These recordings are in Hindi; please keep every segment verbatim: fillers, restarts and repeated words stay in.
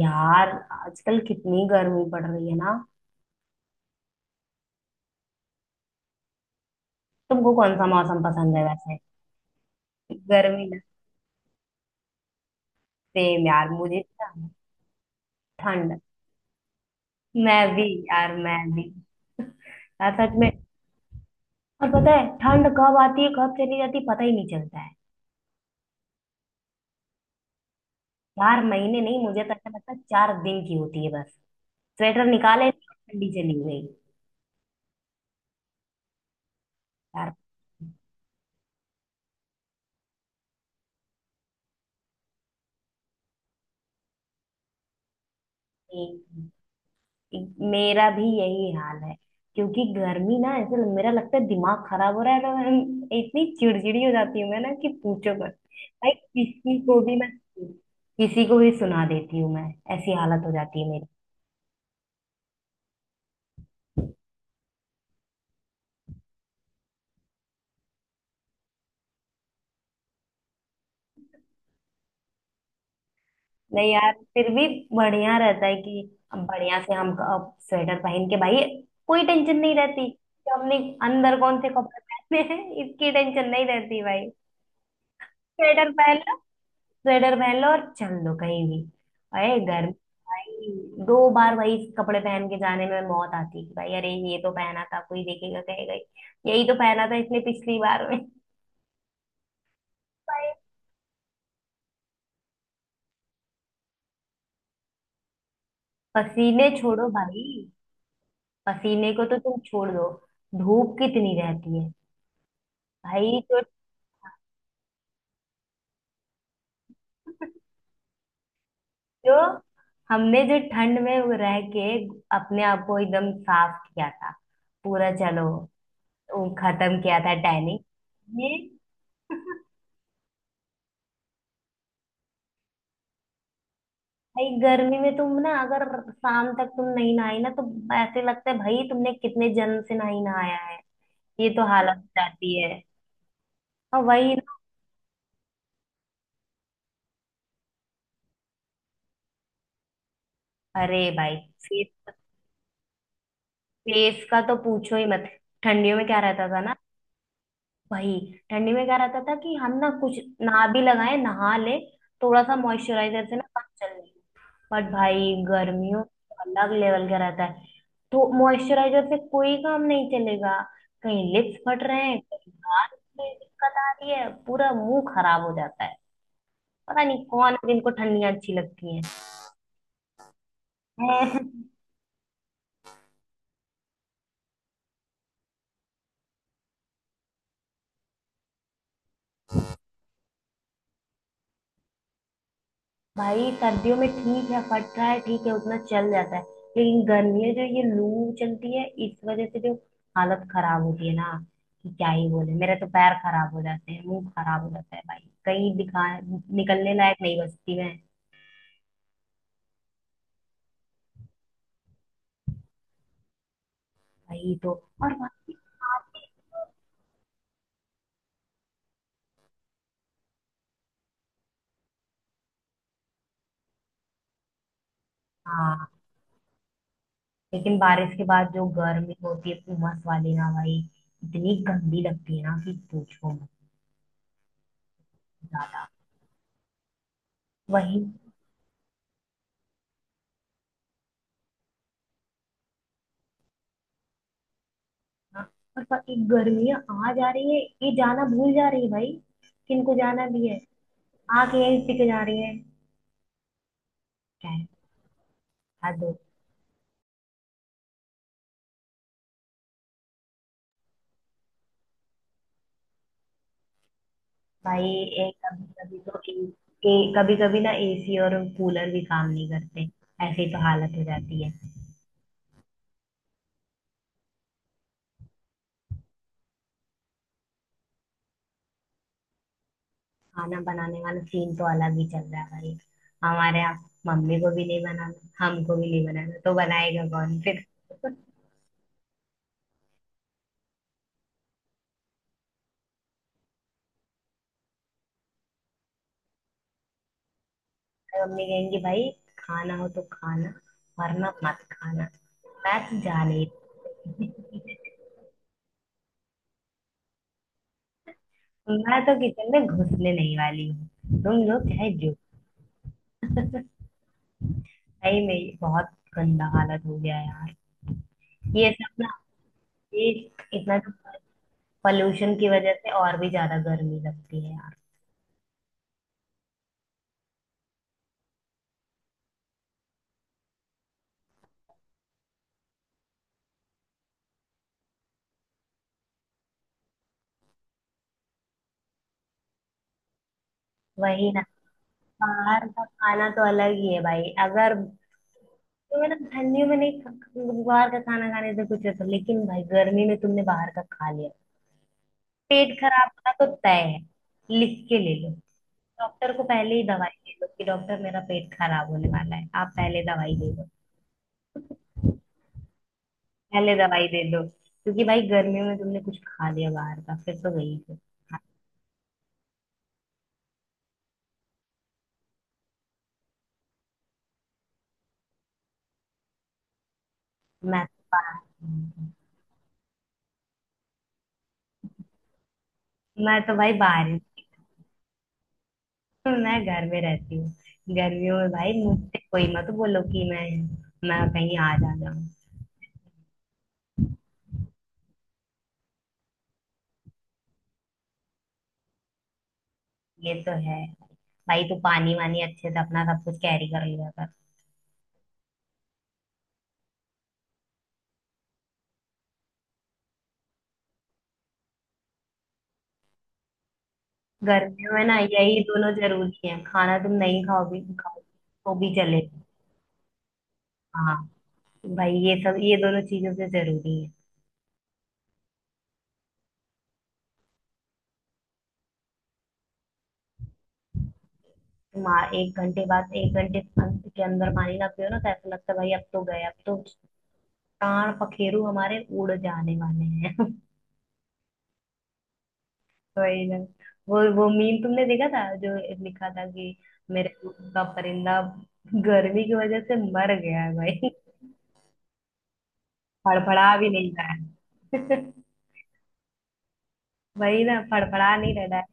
यार आजकल कितनी गर्मी पड़ रही है ना। तुमको कौन सा मौसम पसंद है वैसे? गर्मी ना, सेम यार, मुझे ना ठंड। मैं भी यार, मैं भी। यार सच में। और पता है ठंड कब आती है, कब चली जाती है, पता ही नहीं चलता है। चार महीने नहीं, मुझे तो ऐसा लगता है चार दिन की होती है बस। स्वेटर निकाले ठंडी चली गई। यार मेरा भी यही हाल है, क्योंकि गर्मी ना ऐसे लग- मेरा लगता है दिमाग खराब हो रहा है, और हम- इतनी चिड़चिड़ी हो जाती हूँ मैं ना कि पूछो मत। भाई किसी को भी मैं किसी को भी सुना देती हूँ मैं। ऐसी हालत हो जाती है मेरी। नहीं यार, फिर भी बढ़िया रहता है कि अब बढ़िया से हम अब स्वेटर पहन के भाई कोई टेंशन नहीं रहती कि हमने अंदर कौन से कपड़े पहने हैं, इसकी टेंशन नहीं रहती भाई। स्वेटर पहन स्वेटर पहन लो और चल दो कहीं भी। अरे गर्मी भाई, दो बार वही कपड़े पहन के जाने में मौत आती है कि भाई, अरे ये तो पहना था, कोई देखेगा कहेगा यही तो पहना था इसने पिछली बार में। भाई पसीने छोड़ो भाई, पसीने को तो तुम छोड़ दो। धूप कितनी रहती है भाई। जो जो हमने जो ठंड में वो रह के अपने आप को एकदम साफ किया था, पूरा चलो वो खत्म किया था टैनिंग। ये भाई गर्मी में तुम ना, अगर शाम तक तुम नहीं नहाई ना, तो ऐसे लगता है भाई तुमने कितने जन्म से नहीं नहाया है। ये तो हालत हो जाती है। और वही ना, अरे भाई फेस फेस का तो पूछो ही मत। ठंडियों में क्या रहता था ना भाई, ठंडी में क्या रहता था कि हम ना कुछ ना भी लगाए नहा ले, थोड़ा सा मॉइस्चराइजर से ना काम चल जाए। बट भाई गर्मियों में अलग लेवल का रहता है, तो मॉइस्चराइजर से कोई काम नहीं चलेगा। कहीं लिप्स फट रहे हैं, कहीं दांत में दिक्कत आ रही है, पूरा मुंह खराब हो जाता है। पता नहीं कौन है जिनको ठंडियां अच्छी लगती हैं। हैं। भाई सर्दियों में ठीक है, फट रहा है ठीक है, उतना चल जाता है। लेकिन गर्मियों जो ये लू चलती है, इस वजह से जो हालत खराब होती है ना, कि क्या ही बोले। मेरे तो पैर खराब हो जाते हैं, मुंह खराब हो जाता है भाई, कहीं दिखा निकलने लायक नहीं बचती मैं। वही तो। और बाकी हाँ, लेकिन बारिश के बाद जो गर्मी होती है उमस वाली ना भाई, इतनी गंदी लगती है ना कि पूछो मत। ज्यादा वही। हाँ, और पर ये गर्मियाँ आ जा रही है, ये जाना भूल जा रही है भाई। किनको जाना भी है, आके यही टिक जा रही है। क्या है, हद हो। भाई एक कभी कभी तो ए, ए, कभी कभी ना एसी और कूलर भी काम नहीं करते। ऐसी तो हालत हो जाती है। खाना बनाने वाला सीन तो अलग ही चल रहा है भाई हमारे यहाँ। मम्मी को भी नहीं बनाना, हमको भी नहीं बनाना, तो बनाएगा कौन फिर? मम्मी कहेंगी भाई खाना हो तो खाना, वरना मत खाना। मैं तो जा नहीं। मैं तो किचन में घुसने नहीं वाली हूँ, तुम लोग चाहे जो। सही में बहुत गंदा हालत हो गया है यार। ये सब ना, ये इतना पॉल्यूशन की वजह से और भी ज्यादा गर्मी लगती है यार। वही ना, बाहर का खाना तो अलग ही है भाई। अगर तो मतलब ठंडियों में नहीं खा- बाहर का खाना खाने से कुछ असर, लेकिन भाई गर्मी में तुमने बाहर का खा लिया, पेट खराब होना तो तय है। लिख के ले लो। डॉक्टर को पहले ही दवाई दे दो कि डॉक्टर मेरा पेट खराब होने वाला है, आप पहले दवाई दे दो। पहले दवाई दे दो। क्योंकि भाई गर्मियों में तुमने कुछ खा लिया बाहर का, फिर तो गई फिर। हाँ, मैं तो बाहर मैं तो भाई बाहर ही हूँ। मैं घर में रहती हूँ। गर्मियों में भाई मुझसे कोई मत बोलो कि मैं मैं कहीं आ जा जाऊँ। ये तो है। भाई तू पानी वानी अच्छे से अपना सब कुछ कैरी कर लिया कर। गर्मियों में ना यही दोनों जरूरी है, खाना तुम नहीं खाओगे खाओगे तो भी चलेगा। हाँ भाई ये सब, ये दोनों चीजों से जरूरी है। तुम आ- एक घंटे बाद एक घंटे अंत के अंदर पानी ना पियो ना, तो ऐसा लगता है भाई अब तो गए, अब तो प्राण पखेरु हमारे उड़ जाने वाले हैं। वही ना। वो वो मीम तुमने देखा था जो लिखा था कि मेरे दूध का परिंदा गर्मी की वजह से मर गया है भाई, फड़फड़ा भी नहीं रहा है। वही ना, फड़फड़ा नहीं रह रहा है।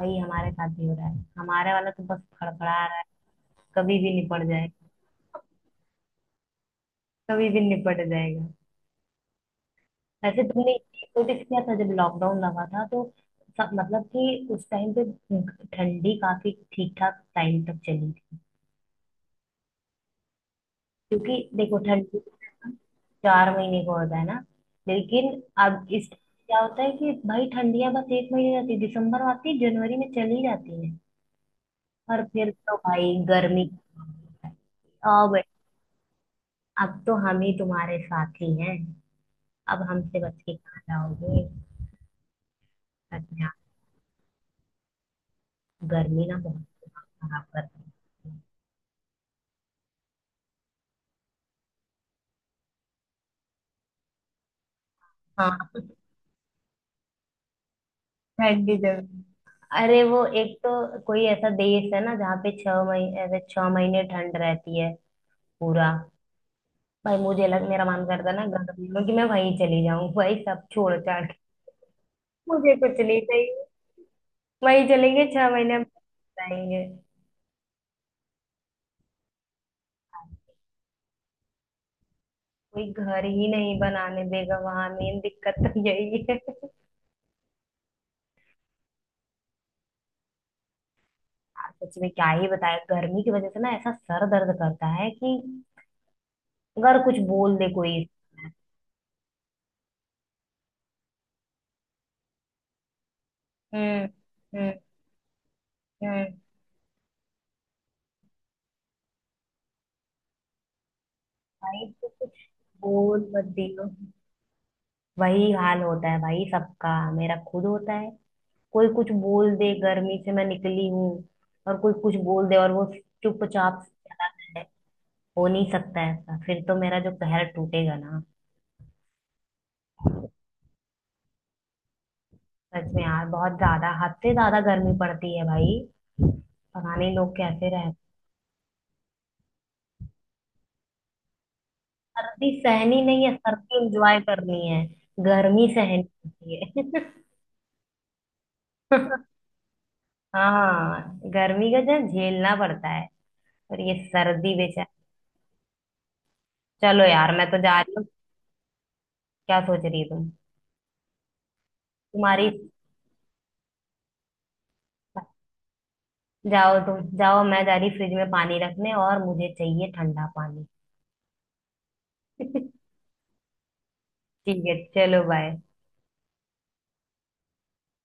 वही हमारे साथ भी हो रहा है, हमारे वाला तो बस फड़फड़ा रहा है, कभी भी निपट जाएगा। कभी भी निपट जाएगा। वैसे तुमने नोटिस किया था जब लॉकडाउन लगा था तो सब, मतलब कि उस टाइम पे ठंडी काफी ठीक ठाक टाइम तक चली थी। क्योंकि देखो ठंडी चार महीने को होता है ना, लेकिन अब इस क्या होता है कि भाई ठंडियां बस एक महीने रहती है, दिसंबर आती है, जनवरी में चली जाती है। और फिर तो भाई गर्मी, आओ बे- अब तो हम ही तुम्हारे साथी हैं, अब हमसे बच के कहाँ जाओगे। सच में, गर्मी ना बहुत खराब करती है। हाँ ठंडी जगह, अरे वो एक तो कोई ऐसा देश है ना जहाँ पे छह महीने, ऐसे छह महीने ठंड रहती है पूरा। भाई मुझे लग, मेरा मन करता है ना गर्मी में कि मैं वहीं चली जाऊँ भाई सब छोड़ छाड़ के। मुझे कुछ नहीं चाहिए, वहीं चलेंगे, छह महीने हम रहेंगे। कोई घर ही नहीं बनाने देगा वहां, मेन दिक्कत तो यही है यार। सच में क्या ही बताए, गर्मी की वजह से ना ऐसा सर दर्द करता है कि अगर कुछ बोल दे कोई। हम्म। हम्म। हम्म। भाई तो कुछ बोल मत दियो। वही हाल होता है भाई सबका, मेरा खुद होता है। कोई कुछ बोल दे, गर्मी से मैं निकली हूँ और कोई कुछ बोल दे और वो चुपचाप चला जाए, हो नहीं सकता ऐसा। फिर तो मेरा जो कहर टूटेगा ना। सच में यार बहुत ज्यादा, हद से ज्यादा गर्मी पड़ती है भाई, पता नहीं लोग कैसे रह। सर्दी सहनी नहीं है, सर्दी एंजॉय करनी है, गर्मी सहनी होती है। हाँ गर्मी का जो झेलना पड़ता है, और ये सर्दी बेचारा। चलो यार मैं तो जा रही हूँ। क्या सोच रही हो तुम? तुम्हारी, जाओ तुम जाओ, मैं जा रही फ्रिज में पानी रखने और मुझे चाहिए ठंडा पानी। ठीक है, चलो बाय।